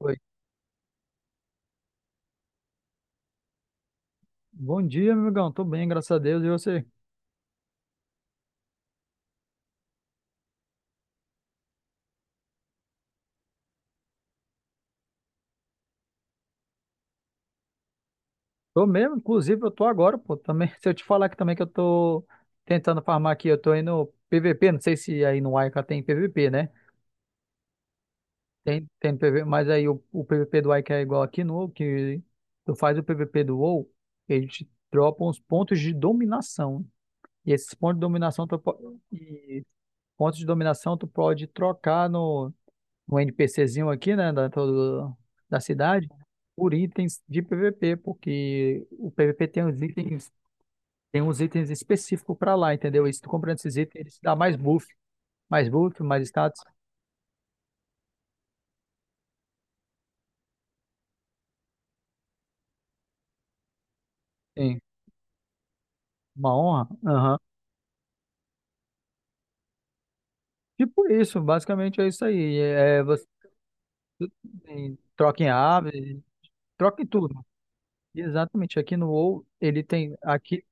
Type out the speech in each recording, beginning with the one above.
Oi. Bom dia, meu amigão. Tô bem, graças a Deus. E você? Tô mesmo, inclusive, eu tô agora, pô. Também, se eu te falar que também que eu tô tentando farmar aqui, eu tô indo PVP, não sei se aí no Ica tem PVP, né? Tem, tem PVP, mas aí o PVP do Ica é igual aqui no WoW, que tu faz o PVP do WoW, eles te dropam os pontos de dominação. E esses pontos de dominação, tu, po- e Pontos de dominação tu pode trocar no um NPCzinho aqui, né, da cidade, por itens de PVP, porque o PVP tem uns itens específicos para lá, entendeu? E se tu comprando esses itens, ele te dá mais buff, mais buff, mais status. Sim, uma honra. Aham. Tipo isso, basicamente é isso aí. É, você troca em ave, troca em tudo. Exatamente. Aqui no WoW, ele tem aqui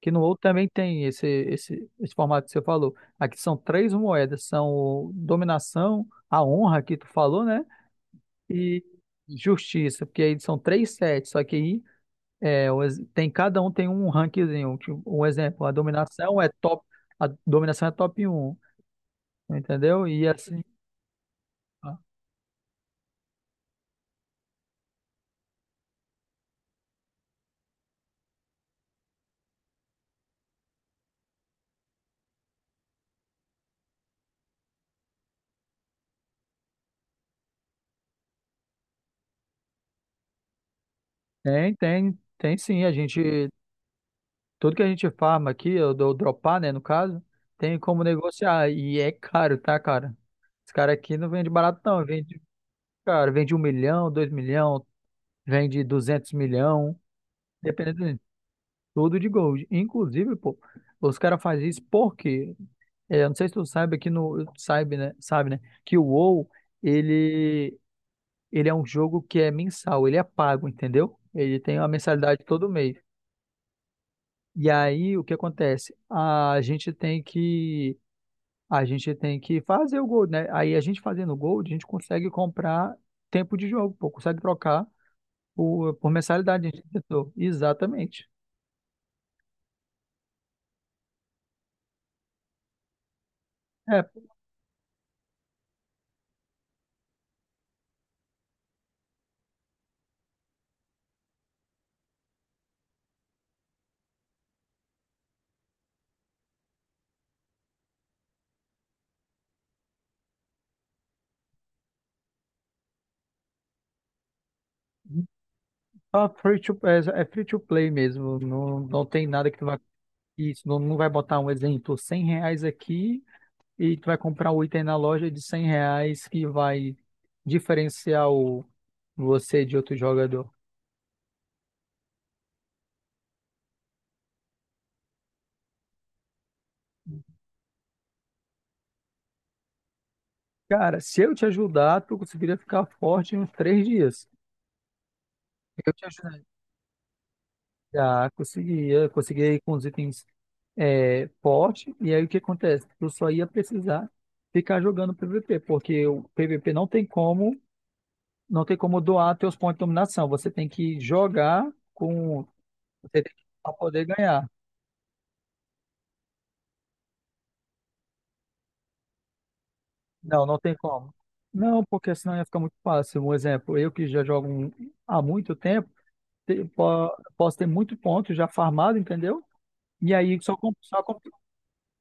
que no ouro também tem esse formato que você falou. Aqui são três moedas, são o dominação, a honra que tu falou, né? E justiça, porque aí são três sets, só que aí cada um tem um rankzinho. Tipo, um exemplo, a dominação é top, a dominação é top um, entendeu? E assim, ó, tem, tem, tem sim, a gente, tudo que a gente farma aqui, eu dou dropar, né, no caso, tem como negociar, e é caro, tá, cara? Esse cara aqui não vende barato não, vende, cara, vende 1 milhão, 2 milhão, vende 200 milhão, dependendo tudo de gold. Inclusive, pô, os caras fazem isso porque, eu não sei se tu sabe aqui no, sabe, né, que o WoW, ele, ele é um jogo que é mensal, ele é pago, entendeu? Ele tem uma mensalidade todo mês. E aí, o que acontece? A gente tem que fazer o gold, né? Aí a gente fazendo o gold, a gente consegue comprar tempo de jogo, pô, consegue trocar por mensalidade, diretor. Exatamente. É, só free to, é, é free to play mesmo. Não, não tem nada que tu vai. Isso, não, não vai botar um exemplo, R$ 100 aqui e tu vai comprar um item na loja de R$ 100 que vai diferenciar você de outro jogador. Cara, se eu te ajudar, tu conseguiria ficar forte em uns 3 dias. Eu te ajudaria. Já conseguia, consegui com os itens forte, e aí o que acontece? Tu só ia precisar ficar jogando PVP, porque o PVP não tem como doar teus pontos de dominação. Você tem que pra poder ganhar. Não, não tem como. Não, porque senão ia ficar muito fácil. Um exemplo, eu que já jogo há muito tempo, posso ter muito ponto já farmado, entendeu? E aí só compro,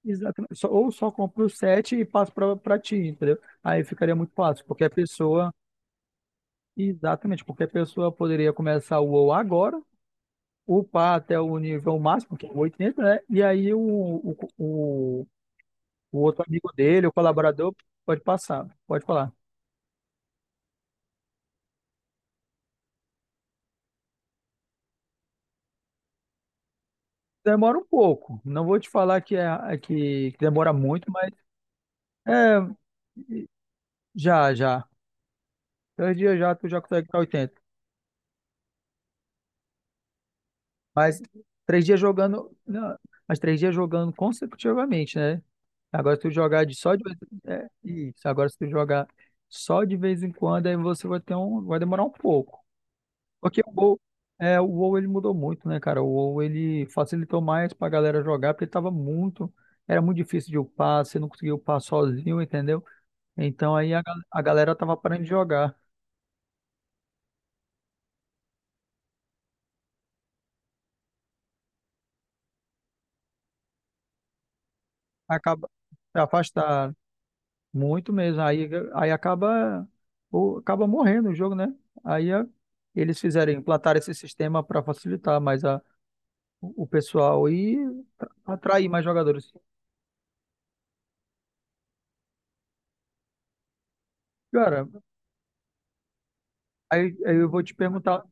exatamente, ou só compro o set e passo para ti, entendeu? Aí ficaria muito fácil, porque a pessoa. Exatamente, porque a pessoa poderia começar o WoW agora, upar até o nível máximo, que é o 800, né? E aí o, o outro amigo dele, o colaborador, pode passar, pode falar. Demora um pouco, não vou te falar que demora muito, mas é, já, já. Três dias já tu já consegue para. Mas 3 dias jogando, não, mas 3 dias jogando consecutivamente, né? Agora, se tu jogar de só de vez, é, isso. Agora, se tu jogar só de vez em quando, aí você vai demorar um pouco. Porque o WoW ele mudou muito, né, cara? O WoW ele facilitou mais pra galera jogar, porque era muito difícil de upar, você não conseguia upar sozinho, entendeu? Então aí a galera tava parando de jogar, acaba se afastar. Muito mesmo. Aí, acaba morrendo o jogo, né? Aí a- Eles fizeram, implantaram esse sistema para facilitar mais a, o pessoal e atrair mais jogadores. Cara, aí eu vou te perguntar,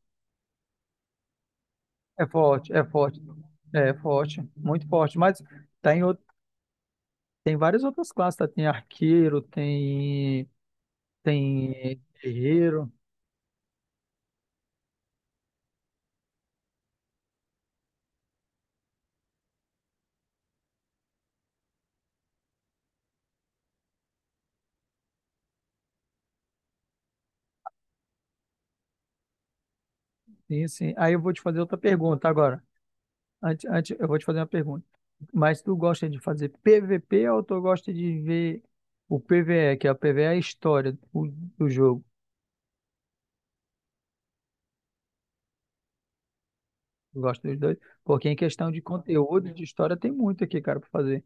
é forte, é forte, é forte, muito forte, mas tem, out- tem várias outras classes, tá? Tem arqueiro, tem guerreiro, sim, sim. Aí eu vou te fazer outra pergunta agora. Antes, antes, eu vou te fazer uma pergunta. Mas tu gosta de fazer PVP ou tu gosta de ver o PVE, que é o PVE é a história do jogo? Tu gosta dos dois? Porque em questão de conteúdo, de história, tem muito aqui, cara, pra fazer.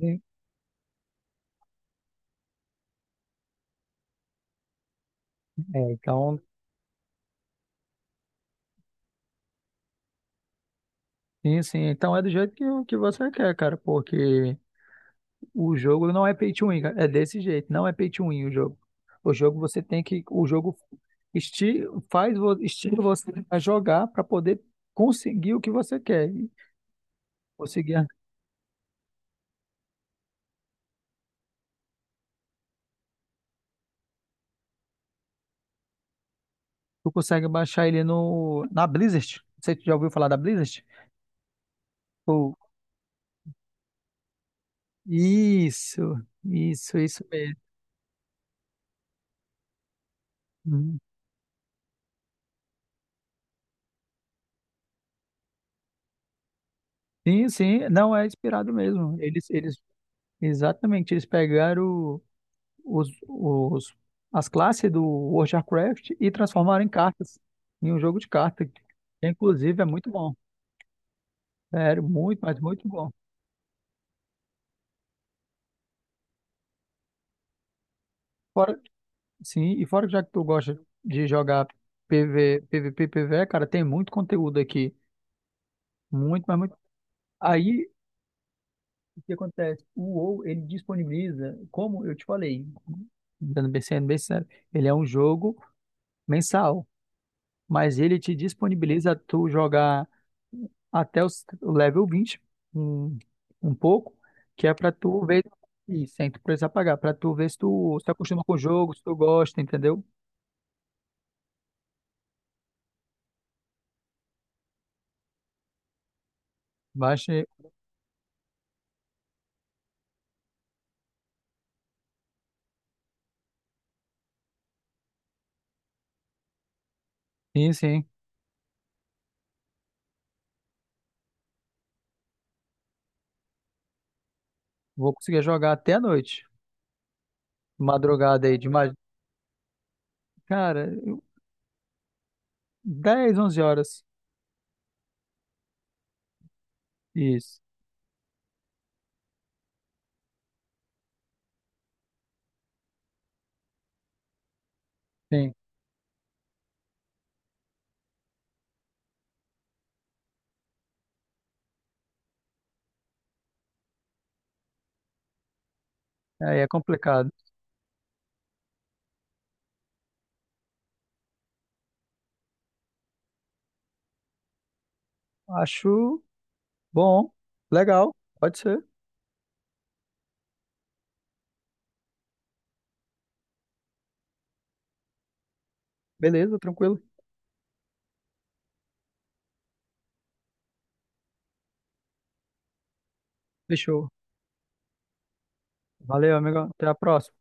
Sim. É, então, sim, sim. Então é do jeito que você quer, cara, porque o jogo não é pay to win, cara. É desse jeito, não é pay to win o jogo. O jogo você tem que, o jogo esti faz, vo- estimula você a jogar para poder conseguir o que você quer. E conseguir Tu consegue baixar ele na Blizzard. Não sei se tu já ouviu falar da Blizzard. Pô, isso, isso mesmo. Uhum. Sim, sim, não é inspirado mesmo. Exatamente, eles pegaram os, os, as classes do World of Warcraft e transformaram em cartas, em um jogo de cartas, que inclusive é muito bom. Sério, muito, mas muito bom. Fora, sim, e fora que já que tu gosta de jogar PV, PVP, PVE, cara, tem muito conteúdo aqui. Muito, mas muito. Aí o que acontece? O WoW, ele disponibiliza, como eu te falei, Dando bem sendo bem sério, ele é um jogo mensal, mas ele te disponibiliza tu jogar até o level 21, um pouco, que é pra tu ver e sem tu precisar pagar, pra tu ver se tu acostuma com o jogo, se tu gosta, entendeu? Baixa, sim, sim, vou conseguir jogar até a noite, madrugada aí, de mais cara, 10-11 horas, isso, sim, aí é complicado. Acho bom, legal, pode ser. Beleza, tranquilo. Fechou. Valeu, amigo. Até a próxima.